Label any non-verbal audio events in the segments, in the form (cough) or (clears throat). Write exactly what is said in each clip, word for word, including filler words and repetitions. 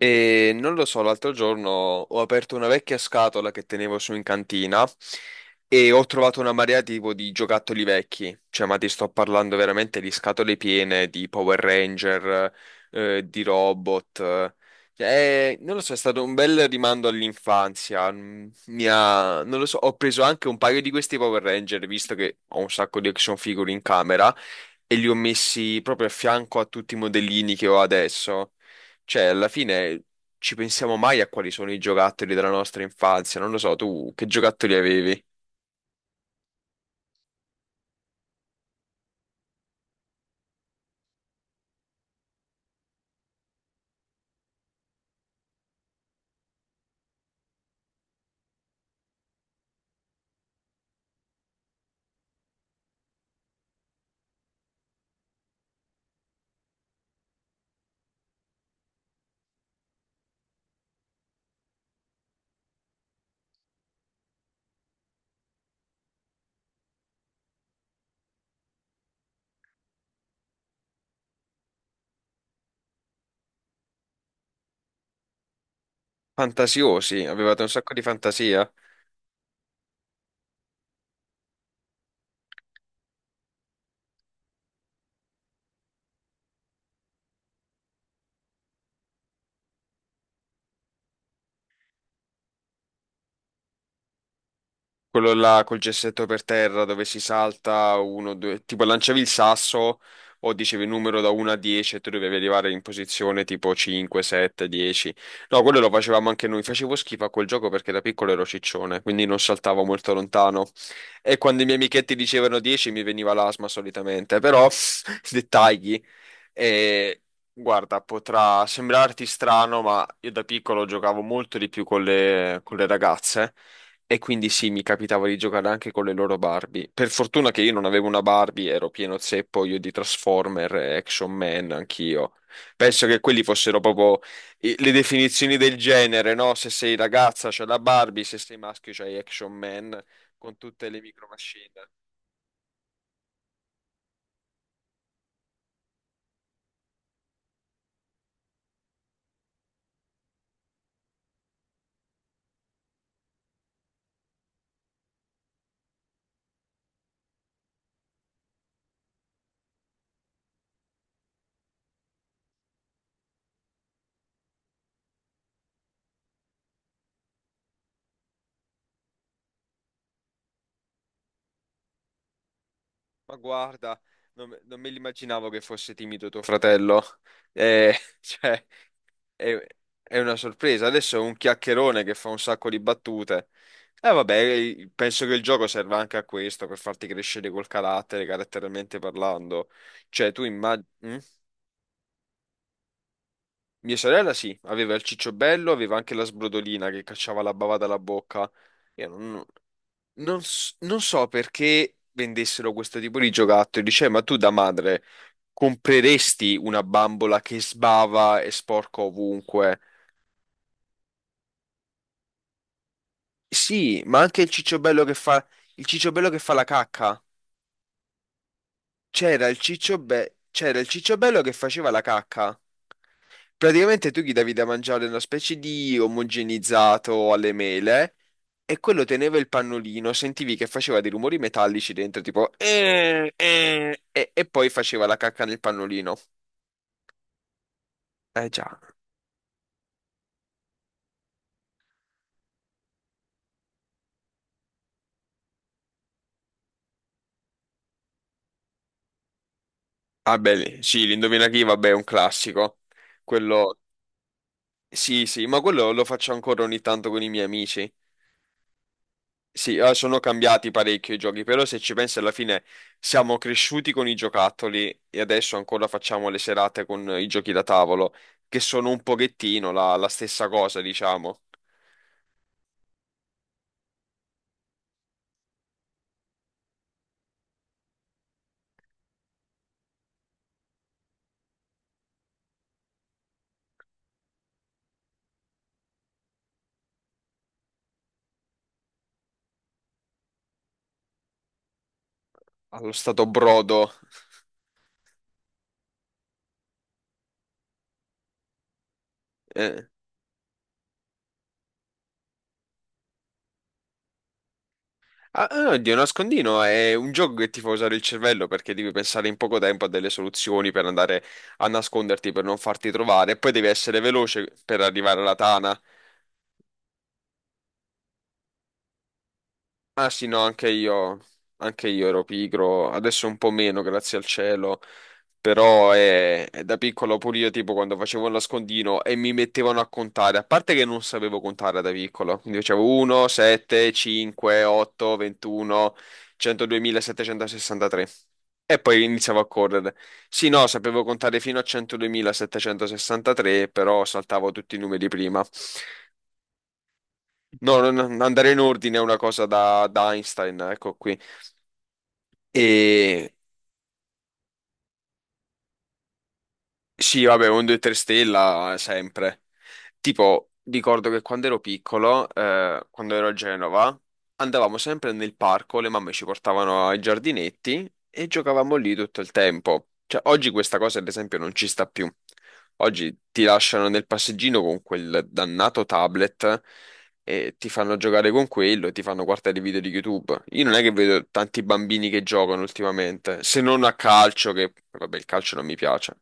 E non lo so, l'altro giorno ho aperto una vecchia scatola che tenevo su in cantina e ho trovato una marea tipo di giocattoli vecchi. Cioè, ma ti sto parlando veramente di scatole piene di Power Ranger, eh, di robot. Cioè, non lo so, è stato un bel rimando all'infanzia. Mm, Mi ha, non lo so, ho preso anche un paio di questi Power Ranger, visto che ho un sacco di action figure in camera, e li ho messi proprio a fianco a tutti i modellini che ho adesso. Cioè, alla fine ci pensiamo mai a quali sono i giocattoli della nostra infanzia? Non lo so, tu che giocattoli avevi? Fantasiosi, avevate un sacco di fantasia? Quello là col gessetto per terra dove si salta uno, due, tipo lanciavi il sasso o dicevi il numero da uno a dieci e tu dovevi arrivare in posizione tipo cinque, sette, dieci. No, quello lo facevamo anche noi. Facevo schifo a quel gioco perché da piccolo ero ciccione, quindi non saltavo molto lontano. E quando i miei amichetti dicevano dieci mi veniva l'asma solitamente, però (laughs) dettagli. E guarda, potrà sembrarti strano, ma io da piccolo giocavo molto di più con le, con le ragazze. E quindi sì, mi capitava di giocare anche con le loro Barbie. Per fortuna che io non avevo una Barbie, ero pieno zeppo io di Transformer, e Action Man, anch'io. Penso che quelli fossero proprio i- le definizioni del genere, no? Se sei ragazza c'è la Barbie, se sei maschio c'hai Action Man, con tutte le micro machine. Ma guarda, non, me- non me l'immaginavo che fosse timido tuo fratello. Eh, (laughs) cioè... È, è una sorpresa. Adesso è un chiacchierone che fa un sacco di battute. E vabbè, penso che il gioco serva anche a questo, per farti crescere col carattere, caratterialmente parlando. Cioè, tu immagini... Mia sorella sì, aveva il ciccio bello, aveva anche la sbrodolina che cacciava la bava dalla bocca. Io non, non s- non so perché vendessero questo tipo di giocattoli. Dice, "Eh, ma tu da madre compreresti una bambola che sbava e sporca ovunque? Sì, ma anche il cicciobello che fa il cicciobello che fa la cacca. C'era il cicciobello c'era il cicciobello che faceva la cacca. Praticamente tu gli davi da mangiare una specie di omogenizzato alle mele e quello teneva il pannolino, sentivi che faceva dei rumori metallici dentro, tipo "Eh, eh", e, e poi faceva la cacca nel pannolino. Eh già. Ah beh, sì, l'indovina chi, vabbè, è un classico. Quello sì, sì, ma quello lo faccio ancora ogni tanto con i miei amici. Sì, eh, sono cambiati parecchio i giochi, però se ci pensi alla fine siamo cresciuti con i giocattoli e adesso ancora facciamo le serate con i giochi da tavolo, che sono un pochettino la, la stessa cosa, diciamo, allo stato brodo. Eh. Ah, ah, oddio, nascondino è un gioco che ti fa usare il cervello perché devi pensare in poco tempo a delle soluzioni per andare a nasconderti, per non farti trovare, e poi devi essere veloce per arrivare alla tana. Ah sì, no, anche io, anche io ero pigro, adesso un po' meno, grazie al cielo, però eh, da piccolo pure io tipo quando facevo il nascondino e mi mettevano a contare, a parte che non sapevo contare da piccolo, quindi facevo uno, sette, cinque, otto, ventuno, centoduemila settecentosessantatré e poi iniziavo a correre. Sì, no, sapevo contare fino a centoduemila settecentosessantatré, però saltavo tutti i numeri prima. No, non- andare in ordine è una cosa da, da Einstein, ecco qui. E Sì, vabbè, un due tre stella eh, sempre. Tipo, ricordo che quando ero piccolo, eh, quando ero a Genova, andavamo sempre nel parco, le mamme ci portavano ai giardinetti e giocavamo lì tutto il tempo. Cioè, oggi questa cosa, ad esempio, non ci sta più. Oggi ti lasciano nel passeggino con quel dannato tablet e ti fanno giocare con quello e ti fanno guardare i video di YouTube. Io non è che vedo tanti bambini che giocano ultimamente, se non a calcio, che vabbè, il calcio non mi piace.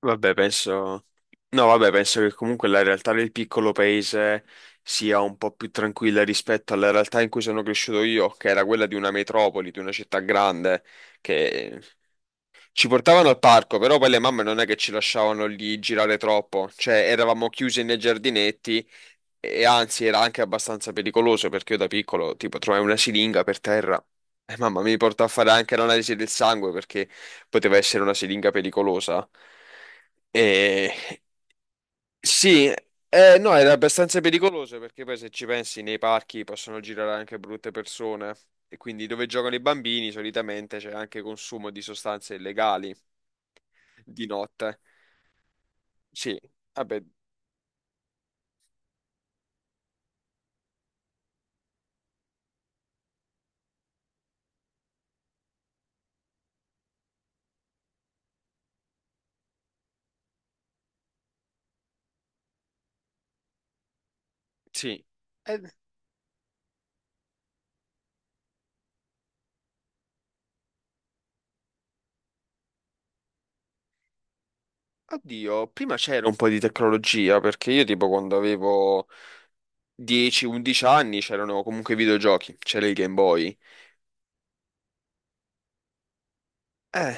Vabbè, penso... No, vabbè, penso che comunque la realtà del piccolo paese sia un po' più tranquilla rispetto alla realtà in cui sono cresciuto io, che era quella di una metropoli, di una città grande, che ci portavano al parco, però poi le mamme non è che ci lasciavano lì girare troppo, cioè eravamo chiusi nei giardinetti e anzi, era anche abbastanza pericoloso perché io da piccolo, tipo, trovai una siringa per terra e mamma mi portò a fare anche l'analisi del sangue perché poteva essere una siringa pericolosa. E sì, eh, no, era abbastanza pericoloso perché poi se ci pensi nei parchi possono girare anche brutte persone e quindi dove giocano i bambini solitamente c'è anche consumo di sostanze illegali di notte. Sì, vabbè, sì. Eh, Oddio, prima c'era un po' di tecnologia, perché io tipo quando avevo dieci undici anni c'erano comunque i videogiochi, c'era il Game Boy. Eh,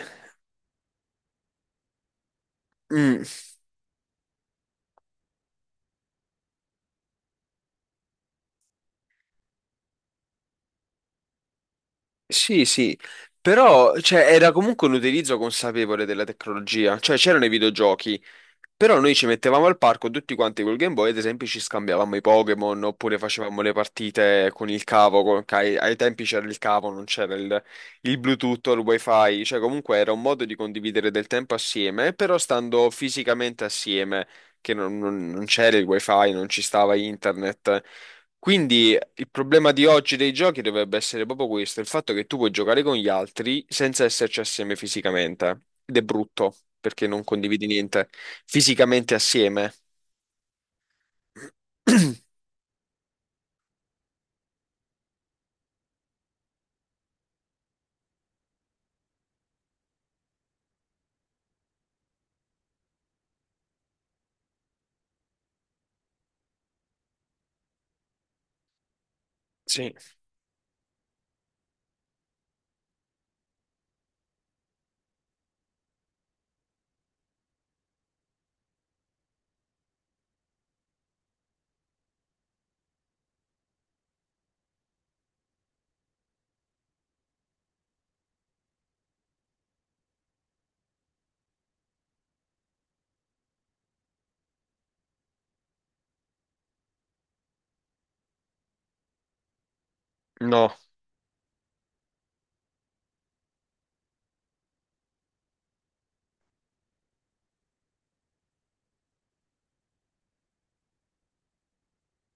mm, sì, sì, però cioè, era comunque un utilizzo consapevole della tecnologia, cioè c'erano i videogiochi. Però noi ci mettevamo al parco tutti quanti col Game Boy, ad esempio ci scambiavamo i Pokémon oppure facevamo le partite con il cavo, con- che ai, ai tempi c'era il cavo, non c'era il, il Bluetooth o il Wi-Fi, cioè comunque era un modo di condividere del tempo assieme, però stando fisicamente assieme, che non, non- non c'era il Wi-Fi, non ci stava internet. Quindi il problema di oggi dei giochi dovrebbe essere proprio questo, il fatto che tu puoi giocare con gli altri senza esserci assieme fisicamente. Ed è brutto, perché non condividi niente fisicamente assieme. (clears throat) Sì, no.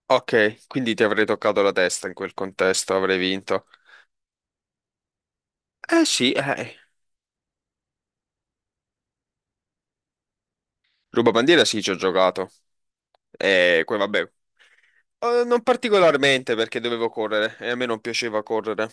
Ok, quindi ti avrei toccato la testa in quel contesto, avrei vinto. Eh sì, eh. Rubabandiera sì, ci ho giocato. E poi vabbè, Eh, non particolarmente perché dovevo correre e a me non piaceva correre.